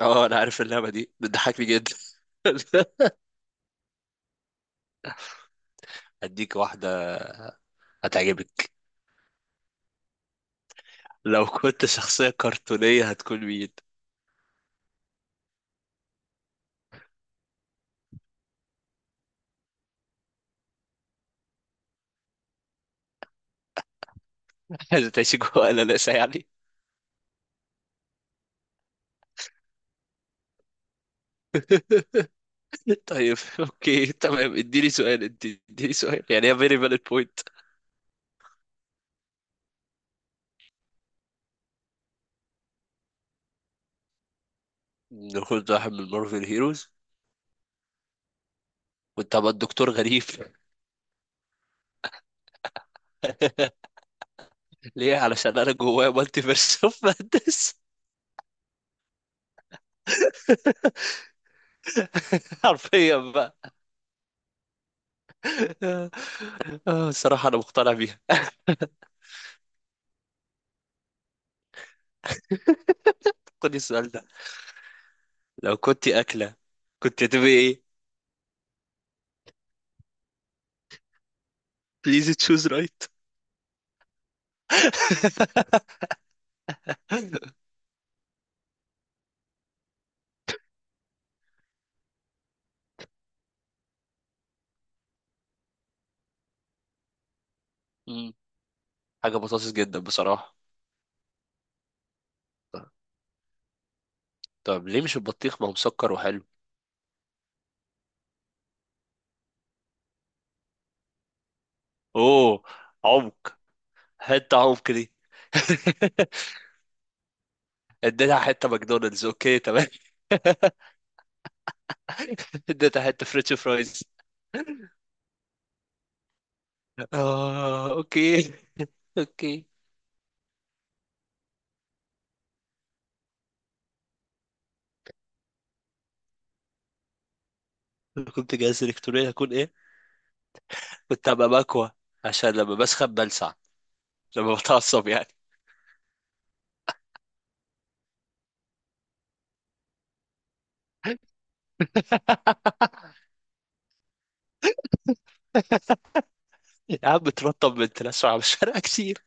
اه انا عارف اللعبه دي بتضحكني جدا. هديك واحده هتعجبك. لو كنت شخصيه كرتونيه هتكون مين؟ عايزة تعيشي جوه قلقاسه يعني. طيب، اوكي تمام، اديني سؤال انت اديني سؤال يعني هي فيري فالid بوينت. ناخد واحد من مارفل هيروز. كنت هبقى الدكتور غريب. ليه؟ علشان انا جوايا مالتي فيرس اوف مادنس. حرفيا بقى. آه، الصراحه انا مقتنع بيها. خد السؤال ده. لو كنت اكله كنت هتبقي ايه؟ بليز تشوز رايت. مم. حاجة بطاطس جدا بصراحة. طب ليه مش البطيخ؟ ما هو مسكر وحلو. اوه، عمق. حتة عمق دي. اديتها حتة ماكدونالدز، اوكي تمام. اديتها حتة فريتش فرايز. اه اوكي. اوكي. لو كنت جهاز الكتروني هكون ايه؟ كنت هبقى مكوى. عشان لما بسخن بلسع. لما بتعصب يعني. يا عم بترطب من تلسع على الشارع كتير.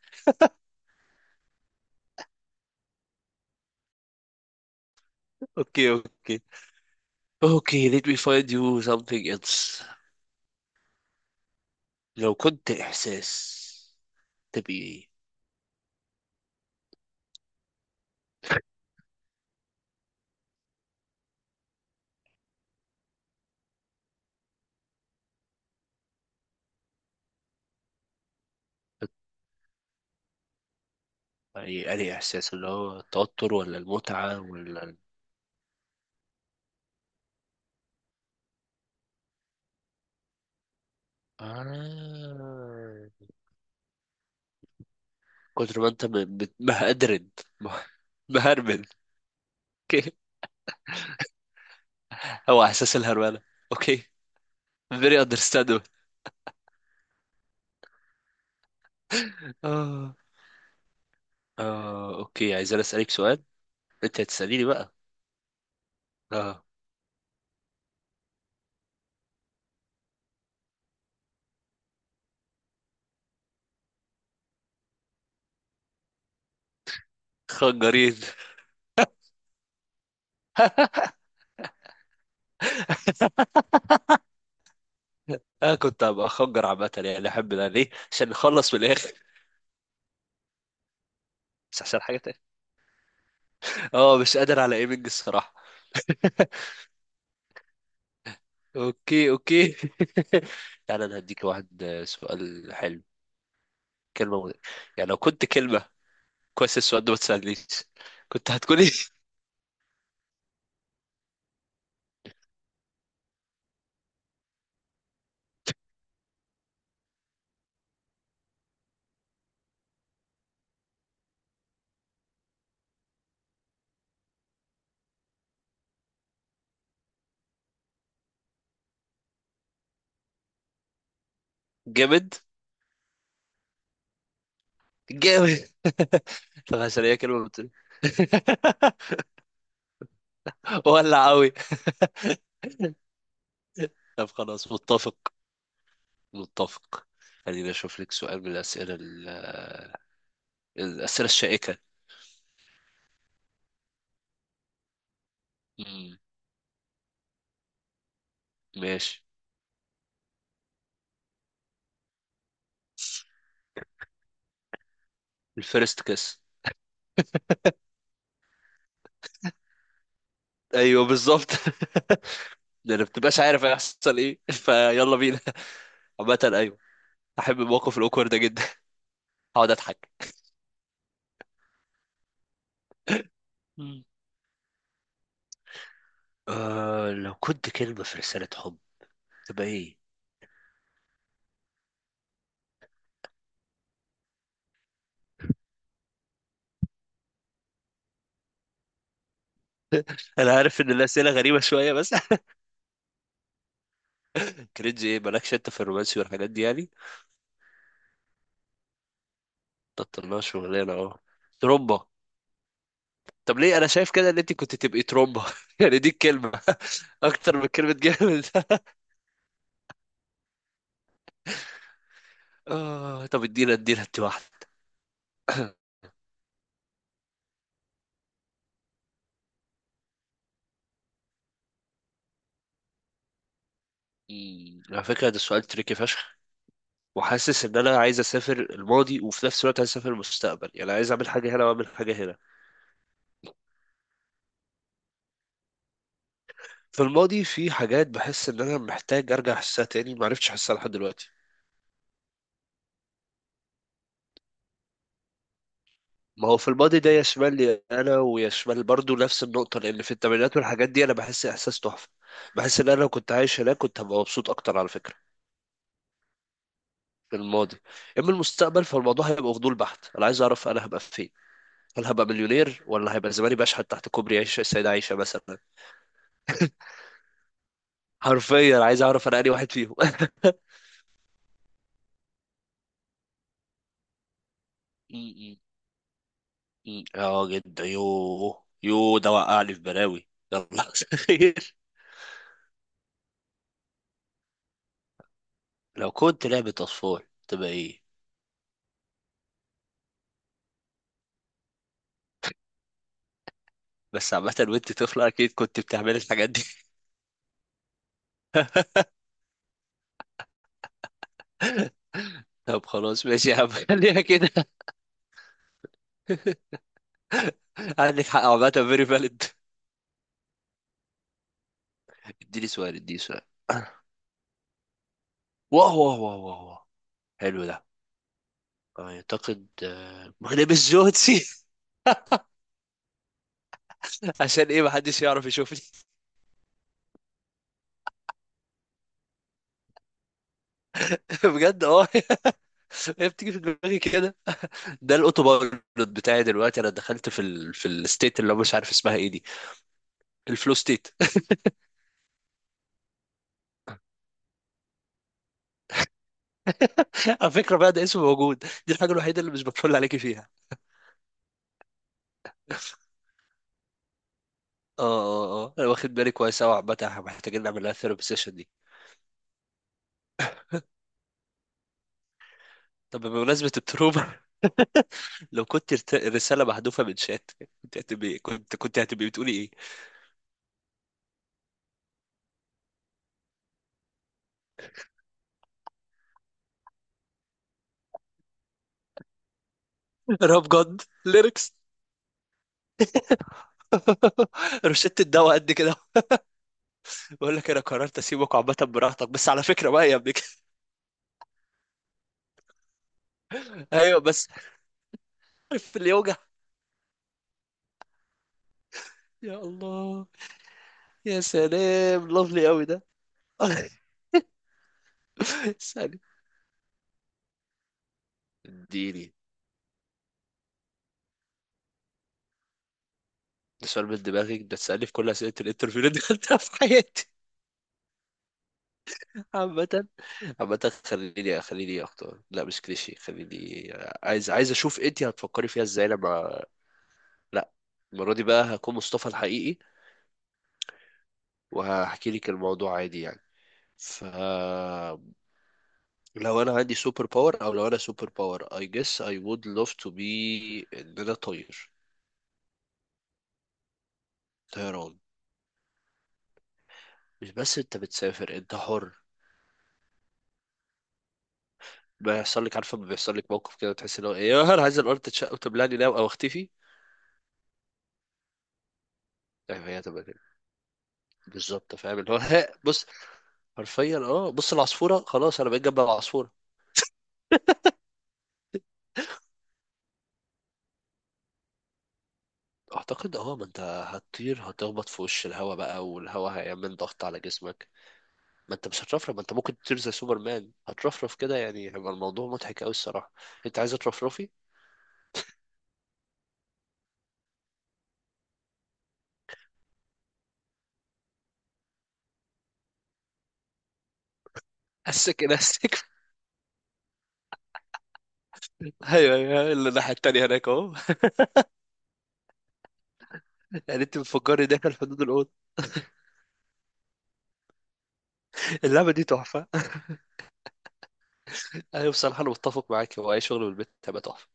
اوكي اوكي. اوكي let me find you something else. لو كنت احساس تبي ايه؟ يعني انهي احساس؟ اللي هو التوتر، ولا المتعة، ولا آه. كتر ما انت مهدرن. مه- مهربن. اوكي. هو احساس الهرمله. اوكي. very understandable. اه. اه اوكي، عايز انا اسالك سؤال. انت هتساليني بقى. اه. خنجرين. انا كنت هبقى خنجر عامه، يعني احب ده ليه؟ عشان نخلص من الاخر. بس احسن حاجه تاني. اه، مش قادر على ايمنج الصراحه. اوكي اوكي تعالى انا هديك واحد، سؤال حلو. كلمه مغ- يعني لو كنت كلمه، كويس السؤال ده ما تسالنيش. كنت هتكون إيه؟ جامد. جامد. طب عشان هي كلمه بتقول. ولا قوي. طب خلاص، متفق. متفق. خليني اشوف لك سؤال من الاسئله الشائكه. مم. ماشي. الفيرست كيس. ايوه بالظبط. لان ما بتبقاش عارف هيحصل ايه. فيلا بينا. عامة، ايوه. احب الموقف الاوكورد ده جدا. اقعد اضحك. مم. أه، لو كنت كلمة في رسالة حب، تبقى ايه؟ انا عارف ان الاسئلة غريبة شوية بس. كرينج ايه؟ مالكش انت في الرومانسي والحاجات دي يعني. بطلناها شغلانة اه. ترومبا. طب ليه انا شايف كده ان انت كنت تبقي ترومبا؟ يعني دي الكلمة. اكتر من كلمة جامد. آه، طب ادينا ادينا انت واحدة. على فكرة ده سؤال تريكي فشخ. وحاسس ان انا عايز اسافر الماضي، وفي نفس الوقت عايز اسافر المستقبل، يعني عايز اعمل حاجه هنا واعمل حاجه هنا. في الماضي في حاجات بحس ان انا محتاج ارجع احسها تاني، ما عرفتش احسها لحد دلوقتي. ما هو في الماضي ده يشمل لي انا ويشمل برضو نفس النقطه، لان في الثمانينات والحاجات دي انا بحس احساس تحفه. بحس ان انا لو كنت عايش هناك كنت هبقى مبسوط اكتر على فكره. في الماضي. اما المستقبل، فالموضوع هيبقى فضول بحت، انا عايز اعرف انا هبقى فين. هل هبقى مليونير، ولا هيبقى زماني بشحت تحت كوبري عيش السيدة عايشة مثلا. حرفيا عايز اعرف انا انهي واحد فيهم. مم. اه جدا. يوه يوه، ده وقعني في بلاوي. يلا. خير. لو كنت لعبة أطفال تبقى إيه؟ بس عامة وأنت طفلة أكيد كنت بتعمل الحاجات دي. طب خلاص ماشي يا عم. خليها كده. عندك حق، عامة فيري فاليد. اديني سؤال اديني سؤال. واه واه واه واه واه. حلو ده. اعتقد، مغرب الجوتسي. عشان ايه؟ محدش يعرف يشوفني. بجد اه. هي بتيجي في دماغي كده. ده الاوتو بايلوت بتاعي دلوقتي. انا دخلت في الستيت اللي هو مش عارف اسمها ايه دي. الفلو ستيت. على فكره بقى ده اسم موجود. دي الحاجه الوحيده اللي مش بتفل عليكي فيها. اه اه اه، انا واخد بالي كويس قوي. عامه احنا محتاجين نعمل لها ثيرابي سيشن دي. طب بمناسبه التروما، لو كنت رساله محذوفه من شات، كنت هتبقي بتقولي ايه؟ راب جد ليركس. روشته الدواء قد كده. بقول لك انا قررت اسيبك عامه براحتك، بس على فكره بقى يا ابني. ايوه بس. عارف اللي يوجع. يا الله. يا سلام، لافلي قوي ده. اسألني. اديني. ده سؤال من دماغك ده؟ تسألني في كل أسئلة الانترفيو اللي دخلتها في حياتي. عامة. عامة، خليني أختار. لا مش كليشيه، خليني. عايز أشوف أنت هتفكري فيها إزاي لما. لا. المرة دي بقى هكون مصطفى الحقيقي. وهحكي لك الموضوع عادي يعني. ف لو أنا عندي سوبر باور أو لو أنا سوبر باور، I guess I would love to be إن أنا طاير. طيران. مش بس أنت بتسافر، أنت حر. بيحصل لك، عارفه، لما بيحصل لك موقف كده تحس اللي هو ايه، يا نهار عايز الارض تتشق وتبلعني ناو او اختفي. فاهم، هي تبقى كده. بالظبط فاهم اللي هو. ها، بص. حرفيا اه، بص العصفوره خلاص انا بقيت جنب العصفوره. اعتقد اه، ما انت هتطير هتخبط في وش الهواء بقى، والهواء هيعمل ضغط على جسمك. ما انت مش هترفرف، ما انت ممكن تطير زي سوبرمان هترفرف كده يعني، هيبقى الموضوع مضحك قوي الصراحه. انت عايزه ترفرفي؟ اسك نفسك. ايوه ايوه، اللي الناحيه التانيه هناك اهو. يعني انت بتفكرني داخل حدود الاوضه. اللعبه دي تحفه. ايوه بصراحه انا متفق معاك، هو اي شغل من البيت هيبقى تحفه.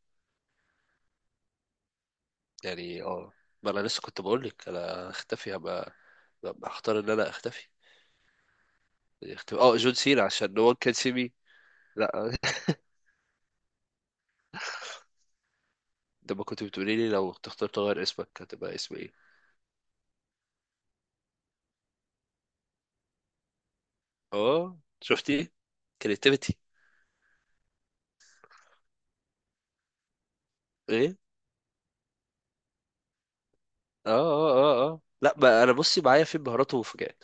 يعني اه. ما انا لسه كنت بقول لك انا اختفي. هبقى هختار ان انا اختفي. اختفي، اه جون سينا عشان نو ون كان سي مي. لا. لما كنت بتقولي لي لو تختار تغير اسمك هتبقى اسم ايه. اه شفتي؟ كريتيفيتي. ايه. اه اه اه اه، لا ما انا بصي معايا في مهارات ومفاجآت.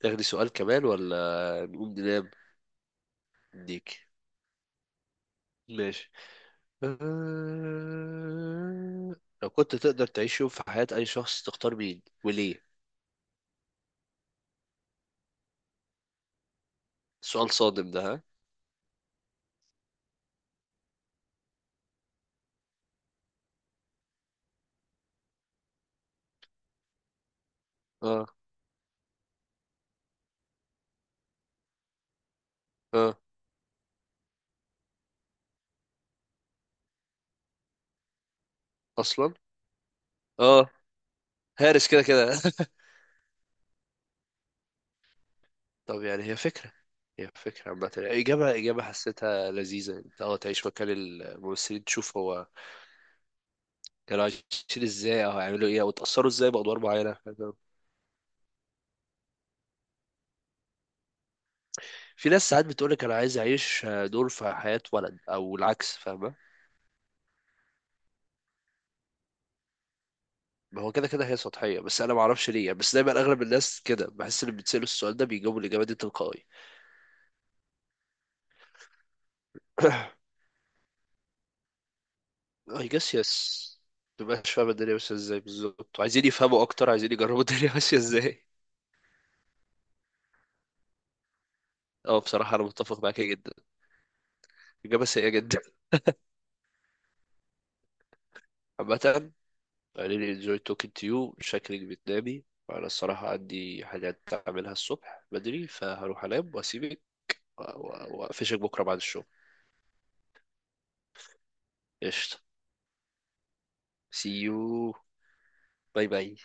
تاخدي سؤال كمان ولا نقوم ننام؟ ديك. ماشي. أه... لو كنت تقدر تعيش يوم في حياة أي شخص، تختار مين وليه؟ سؤال صادم ده، ها؟ اه اه. أصلا؟ اه. هارس كده كده. طب يعني هي فكرة. هي فكرة عامة يعني، إجابة حسيتها لذيذة، أنت تعيش مكان الممثلين تشوف هو كانوا عايشين إزاي، أو هيعملوا إيه، أو اتأثروا إزاي بأدوار معينة. في ناس ساعات بتقولك أنا عايز أعيش دور في حياة ولد، أو العكس فاهمة؟ ما هو كده كده هي سطحية، بس أنا معرفش ليه يعني، بس دايما أغلب الناس كده. بحس اللي بيتسألوا السؤال ده بيجاوبوا الإجابة دي تلقائي. I guess yes. مبقاش فاهم الدنيا ماشية ازاي بالظبط، عايزين يفهموا أكتر، عايزين يجربوا الدنيا. ماشية ازاي. اه بصراحة أنا متفق معاك جدا. إجابة سيئة جدا. عامة. I really enjoy talking to you. شكلك بتنامي. أنا الصراحة عندي حاجات أعملها الصبح بدري، فهروح أنام وأسيبك. وأقفشك بكرة بعد الشغل. قشطة. see you. باي باي.